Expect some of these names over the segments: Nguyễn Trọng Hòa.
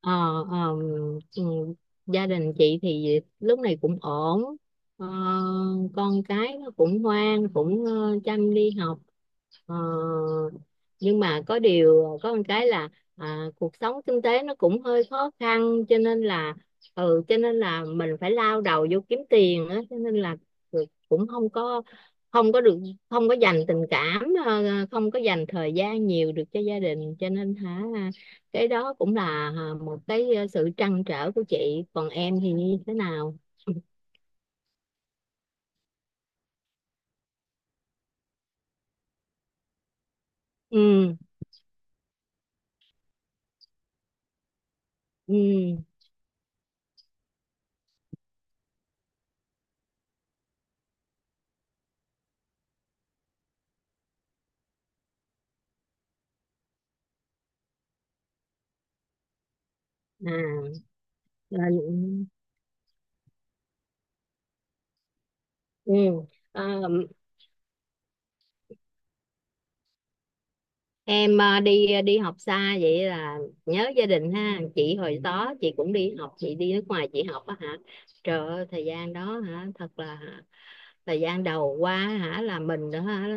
Ờ, ờ, ừ, gia đình chị thì lúc này cũng ổn. Ờ, con cái nó cũng ngoan cũng chăm đi học. Ờ, nhưng mà có điều có một cái là cuộc sống kinh tế nó cũng hơi khó khăn, cho nên là ừ cho nên là mình phải lao đầu vô kiếm tiền á, cho nên là cũng không có được không có dành tình cảm, không có dành thời gian nhiều được cho gia đình, cho nên hả cái đó cũng là một cái sự trăn trở của chị. Còn em thì như thế nào? Ừ, ừ, à, ừ. Ừ. ờ, em đi học xa vậy là nhớ gia đình ha chị. Hồi đó chị cũng đi học, chị đi nước ngoài chị học á hả. Trời ơi, thời gian đó hả, thật là hả, thời gian đầu qua hả là mình đó hả,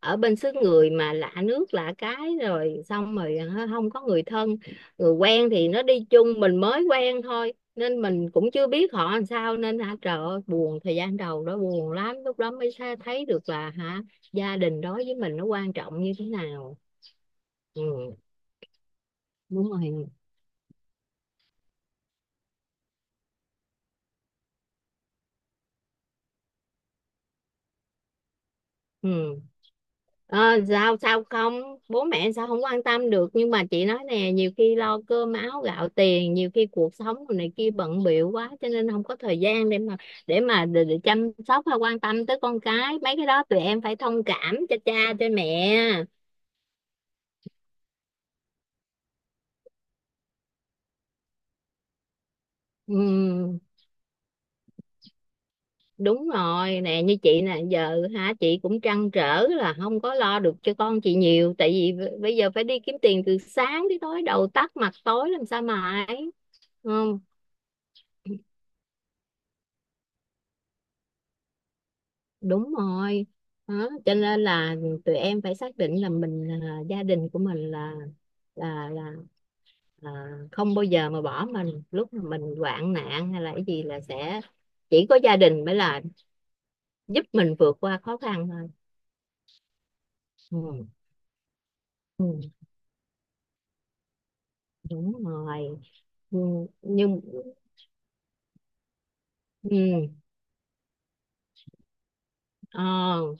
ở bên xứ người mà lạ nước lạ cái, rồi xong rồi hả, không có người thân. Người quen thì nó đi chung mình mới quen thôi, nên mình cũng chưa biết họ làm sao, nên hả trời ơi buồn, thời gian đầu đó buồn lắm, lúc đó mới thấy được là hả gia đình đối với mình nó quan trọng như thế nào. Ừ, đúng rồi, ừ. Ờ, sao sao không, bố mẹ sao không quan tâm được, nhưng mà chị nói nè, nhiều khi lo cơm áo gạo tiền, nhiều khi cuộc sống này kia bận bịu quá cho nên không có thời gian để mà để chăm sóc hay quan tâm tới con cái. Mấy cái đó tụi em phải thông cảm cho cha cho mẹ. Ừ, đúng rồi nè, như chị nè giờ hả, chị cũng trăn trở là không có lo được cho con chị nhiều, tại vì bây giờ phải đi kiếm tiền từ sáng tới tối, đầu tắt mặt tối làm sao mà ấy. Không, đúng rồi đó, cho nên là tụi em phải xác định là mình, là gia đình của mình là là, là không bao giờ mà bỏ mình lúc mà mình hoạn nạn hay là cái gì, là sẽ chỉ có gia đình mới là giúp mình vượt qua khó khăn thôi. Ừ. Ừ. Đúng rồi. Ừ. Nhưng ừ. Ờ.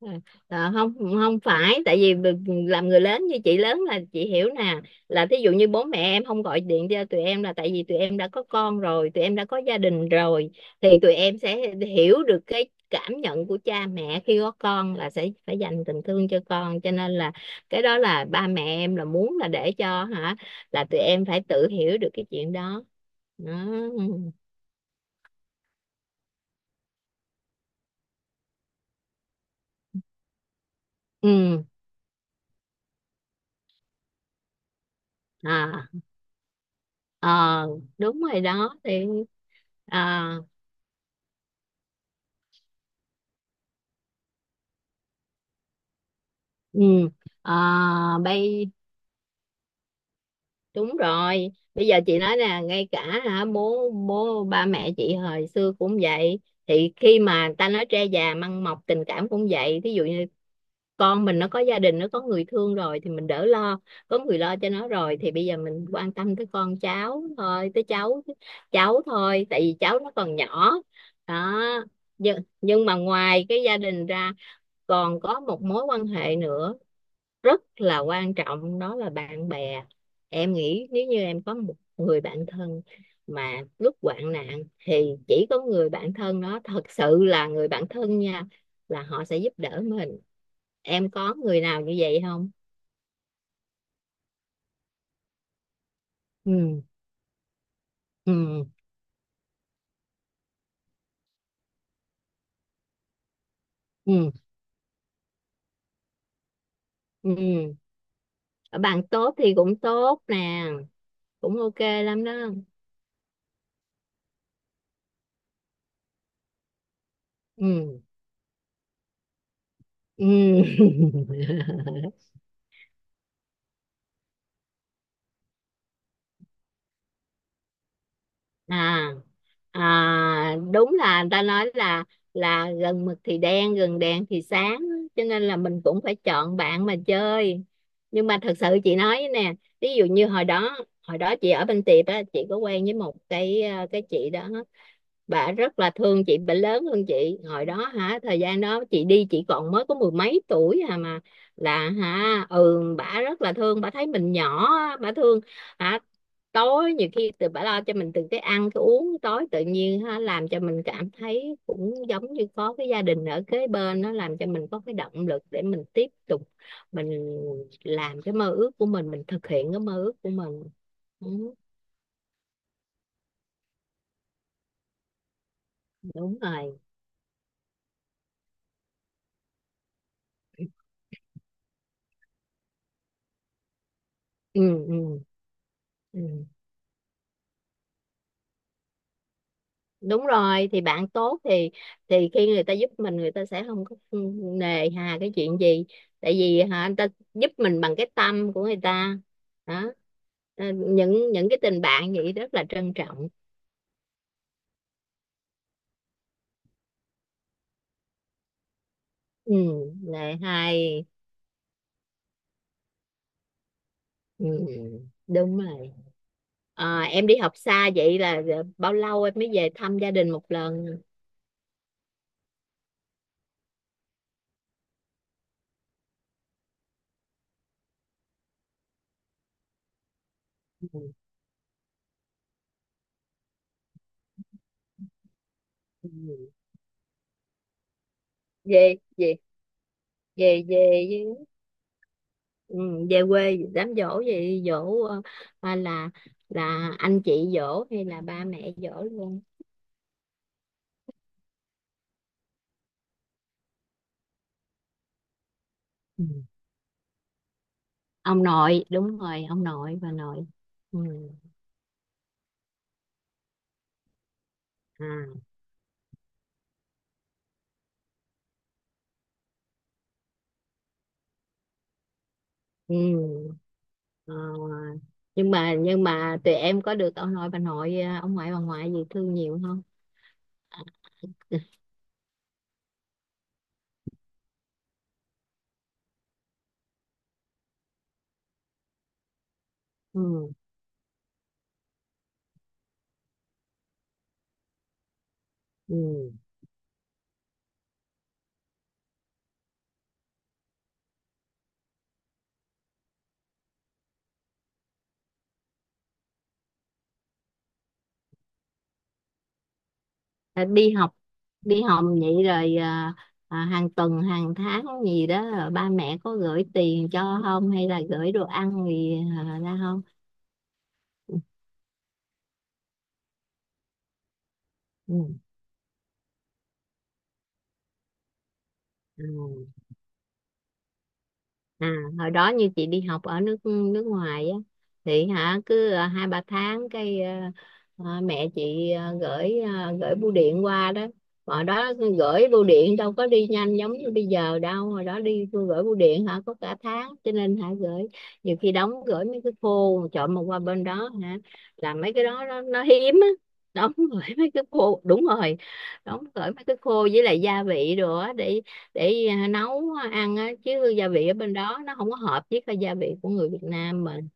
À, à, không, không phải, tại vì làm người lớn như chị lớn là chị hiểu nè, là thí dụ như bố mẹ em không gọi điện cho tụi em là tại vì tụi em đã có con rồi, tụi em đã có gia đình rồi, thì tụi em sẽ hiểu được cái cảm nhận của cha mẹ khi có con là sẽ phải dành tình thương cho con, cho nên là cái đó là ba mẹ em là muốn là để cho hả là tụi em phải tự hiểu được cái chuyện đó, đó. Ừ. Ừ. À, ờ, đúng rồi đó thì à. Ừ. À, bây, đúng rồi bây giờ chị nói nè, ngay cả hả bố bố ba mẹ chị hồi xưa cũng vậy, thì khi mà ta nói tre già măng mọc, tình cảm cũng vậy. Thí dụ như con mình nó có gia đình, nó có người thương rồi thì mình đỡ lo, có người lo cho nó rồi thì bây giờ mình quan tâm tới con cháu thôi, tới cháu cháu thôi, tại vì cháu nó còn nhỏ. Đó. Nhưng mà ngoài cái gia đình ra còn có một mối quan hệ nữa rất là quan trọng, đó là bạn bè. Em nghĩ nếu như em có một người bạn thân mà lúc hoạn nạn thì chỉ có người bạn thân đó, thật sự là người bạn thân nha, là họ sẽ giúp đỡ mình. Em có người nào như vậy không? Ừ, ừ, ừ, ừ, bạn tốt thì cũng tốt nè, cũng ok lắm đó. Ừ. Ừ. À. À, đúng là người ta nói là gần mực thì đen, gần đèn thì sáng, cho nên là mình cũng phải chọn bạn mà chơi. Nhưng mà thật sự chị nói với nè, ví dụ như hồi đó, hồi đó chị ở bên Tiệp á, chị có quen với một cái cái chị đó, bà rất là thương chị, bà lớn hơn chị, hồi đó hả thời gian đó chị đi chị còn mới có mười mấy tuổi à, mà là hả ừ bà rất là thương, bà thấy mình nhỏ á, bà thương hả, tối nhiều khi từ bà lo cho mình từ cái ăn cái uống tối tự nhiên ha, làm cho mình cảm thấy cũng giống như có cái gia đình ở kế bên, nó làm cho mình có cái động lực để mình tiếp tục mình làm cái mơ ước của mình thực hiện cái mơ ước của mình. Ừ, đúng rồi. Ừ, ừ, ừ. Đúng rồi thì bạn tốt thì khi người ta giúp mình, người ta sẽ không có nề hà cái chuyện gì, tại vì hả anh ta giúp mình bằng cái tâm của người ta. Đó. Ờ, những cái tình bạn vậy rất là trân trọng. Ừ, lệ hay. Ừ, đúng rồi. Ờ, em đi học xa vậy là bao lâu em mới về thăm gia đình một lần? Ừ. Ừ. về về về về ừ, về quê đám giỗ gì giỗ là anh chị giỗ hay là ba mẹ giỗ luôn? Ừ. Ông nội đúng rồi, ông nội bà nội. Ừ. À. Ừ. Ờ, nhưng mà tụi em có được ông nội bà nội ông ngoại bà ngoại gì thương nhiều không? À. Ừ. Ừ. Ờ, đi học vậy rồi hàng tuần hàng tháng gì đó ba mẹ có gửi tiền cho không hay là gửi đồ ăn gì ra không? Ừ. Ừ. À, à, hồi đó như chị đi học ở nước nước ngoài á, thì hả cứ hai ba tháng cái mẹ chị gửi bưu điện qua đó. Hồi đó gửi bưu điện đâu có đi nhanh giống như bây giờ đâu, hồi đó đi gửi bưu điện hả có cả tháng, cho nên hả gửi nhiều khi đóng gửi mấy cái phô chọn mà qua bên đó hả là mấy cái đó nó hiếm á. Đóng gửi mấy cái phô, đúng rồi, đóng gửi mấy cái khô với lại gia vị đồ á, để nấu ăn á, chứ gia vị ở bên đó nó không có hợp với cái gia vị của người Việt Nam mình.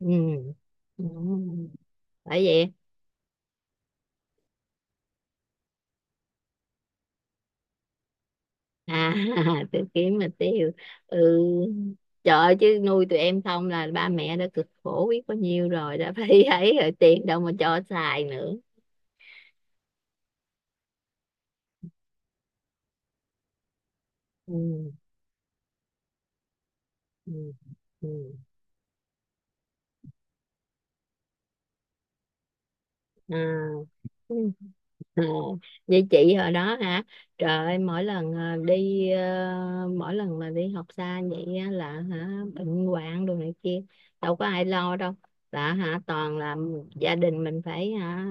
Ừ. Ừ. Phải vậy. À tôi kiếm mà tiêu. Ừ, trời ơi, chứ nuôi tụi em xong là ba mẹ đã cực khổ biết bao nhiêu rồi, đã phải ấy rồi tiền đâu mà cho xài nữa. Ừ. Ừ. Ừ. À. Ừ. Ồ, vậy chị hồi đó hả? Trời ơi, mỗi lần mỗi lần mà đi học xa vậy á là hả bệnh hoạn đồ này kia, đâu có ai lo đâu. Là hả toàn là gia đình mình phải hả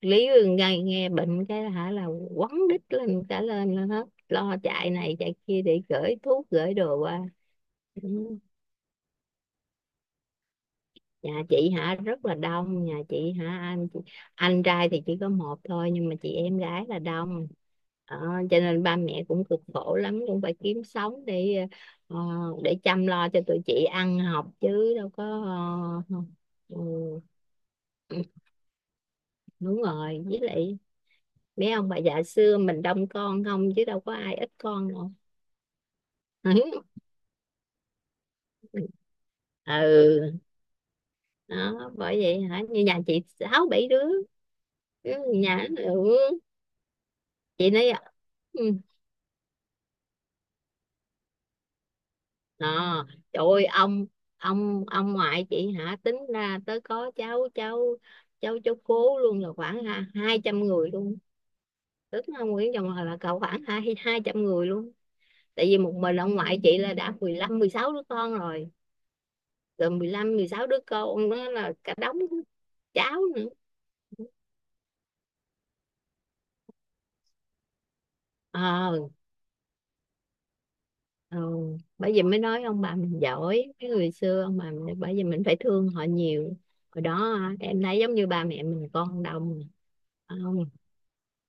lý nghe nghe bệnh cái hả là quấn đít lên cả lên hết, lo chạy này chạy kia để gửi thuốc gửi đồ qua. Ừ. Nhà chị hả rất là đông, nhà chị hả anh chị, anh trai thì chỉ có một thôi, nhưng mà chị em gái là đông. Ờ, cho nên ba mẹ cũng cực khổ lắm, cũng phải kiếm sống để ờ, để chăm lo cho tụi chị ăn học, chứ đâu có ờ, ừ, ừ, đúng rồi với lại mấy ông bà già xưa mình đông con không, chứ đâu có ai ít con đâu. Ừ, đó bởi vậy hả, như nhà chị sáu bảy đứa. Ừ, nhà ừ. Chị nói ừ, à, trời ơi ông ngoại chị hả tính ra tới có cháu cháu cháu cháu cố luôn là khoảng 200 người luôn, tức là Nguyễn Trọng Hòa là cậu khoảng hai 200 người luôn, tại vì một mình ông ngoại chị là đã 15 16 đứa con rồi. Rồi 15 16 đứa con đó là cả đống cháu nữa. Ờ, ừ. Bởi vì mới nói ông bà mình giỏi, cái người xưa ông bà mình bởi vì mình phải thương họ nhiều. Hồi đó em thấy giống như ba mẹ mình con đông, phải không,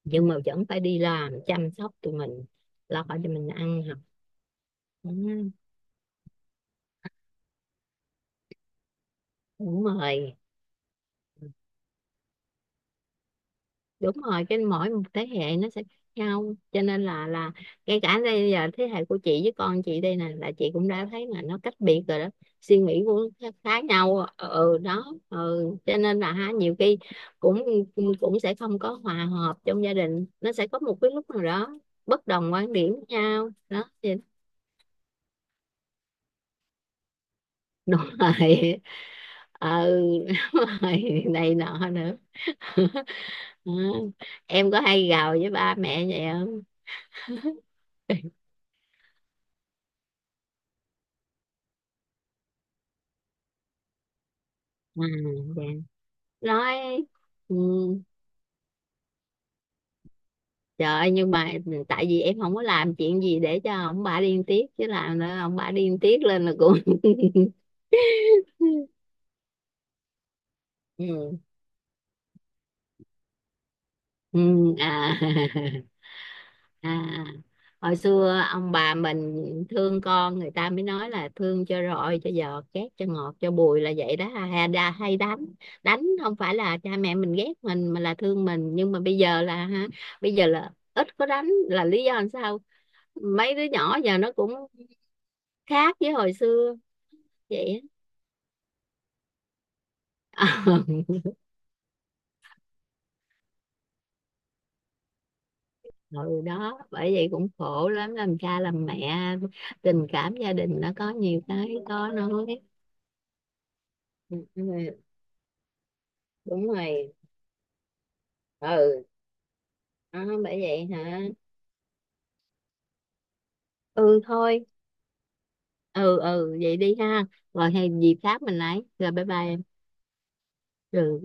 nhưng mà vẫn phải đi làm chăm sóc tụi mình, lo khỏi cho mình ăn học. Ừ, đúng rồi. Đúng rồi, cái mỗi một thế hệ nó sẽ khác nhau, cho nên là ngay cả đây giờ thế hệ của chị với con chị đây nè, là chị cũng đã thấy là nó cách biệt rồi đó. Suy nghĩ cũng khá, khá nhau, ừ ừ, đó ừ, cho nên là ha nhiều khi cũng cũng sẽ không có hòa hợp, trong gia đình nó sẽ có một cái lúc nào đó bất đồng quan điểm với nhau đó thì đúng rồi. Ừ đúng rồi này nọ nữa. Ừ. Em có hay gào với ba mẹ vậy không? À, dạ. Nói ừ, trời ơi, nhưng mà tại vì em không có làm chuyện gì để cho ông bà điên tiết, chứ làm nữa ông bà điên tiết lên là cũng ừ. Ừ. À. À, hồi xưa ông bà mình thương con, người ta mới nói là thương cho roi cho giọt, ghét cho ngọt cho bùi là vậy đó, hay, hay đánh. Đánh không phải là cha mẹ mình ghét mình mà là thương mình. Nhưng mà bây giờ là ha bây giờ là ít có đánh, là lý do làm sao? Mấy đứa nhỏ giờ nó cũng khác với hồi xưa. Vậy á. Ừ, đó bởi vậy cũng khổ lắm làm cha làm mẹ, tình cảm gia đình nó có nhiều cái khó nói. Ừ, ừ, đúng rồi. Ừ, đó, bởi vậy hả. Ừ thôi, ừ ừ vậy đi ha, rồi hay dịp khác mình lấy, rồi bye bye em. Ừ.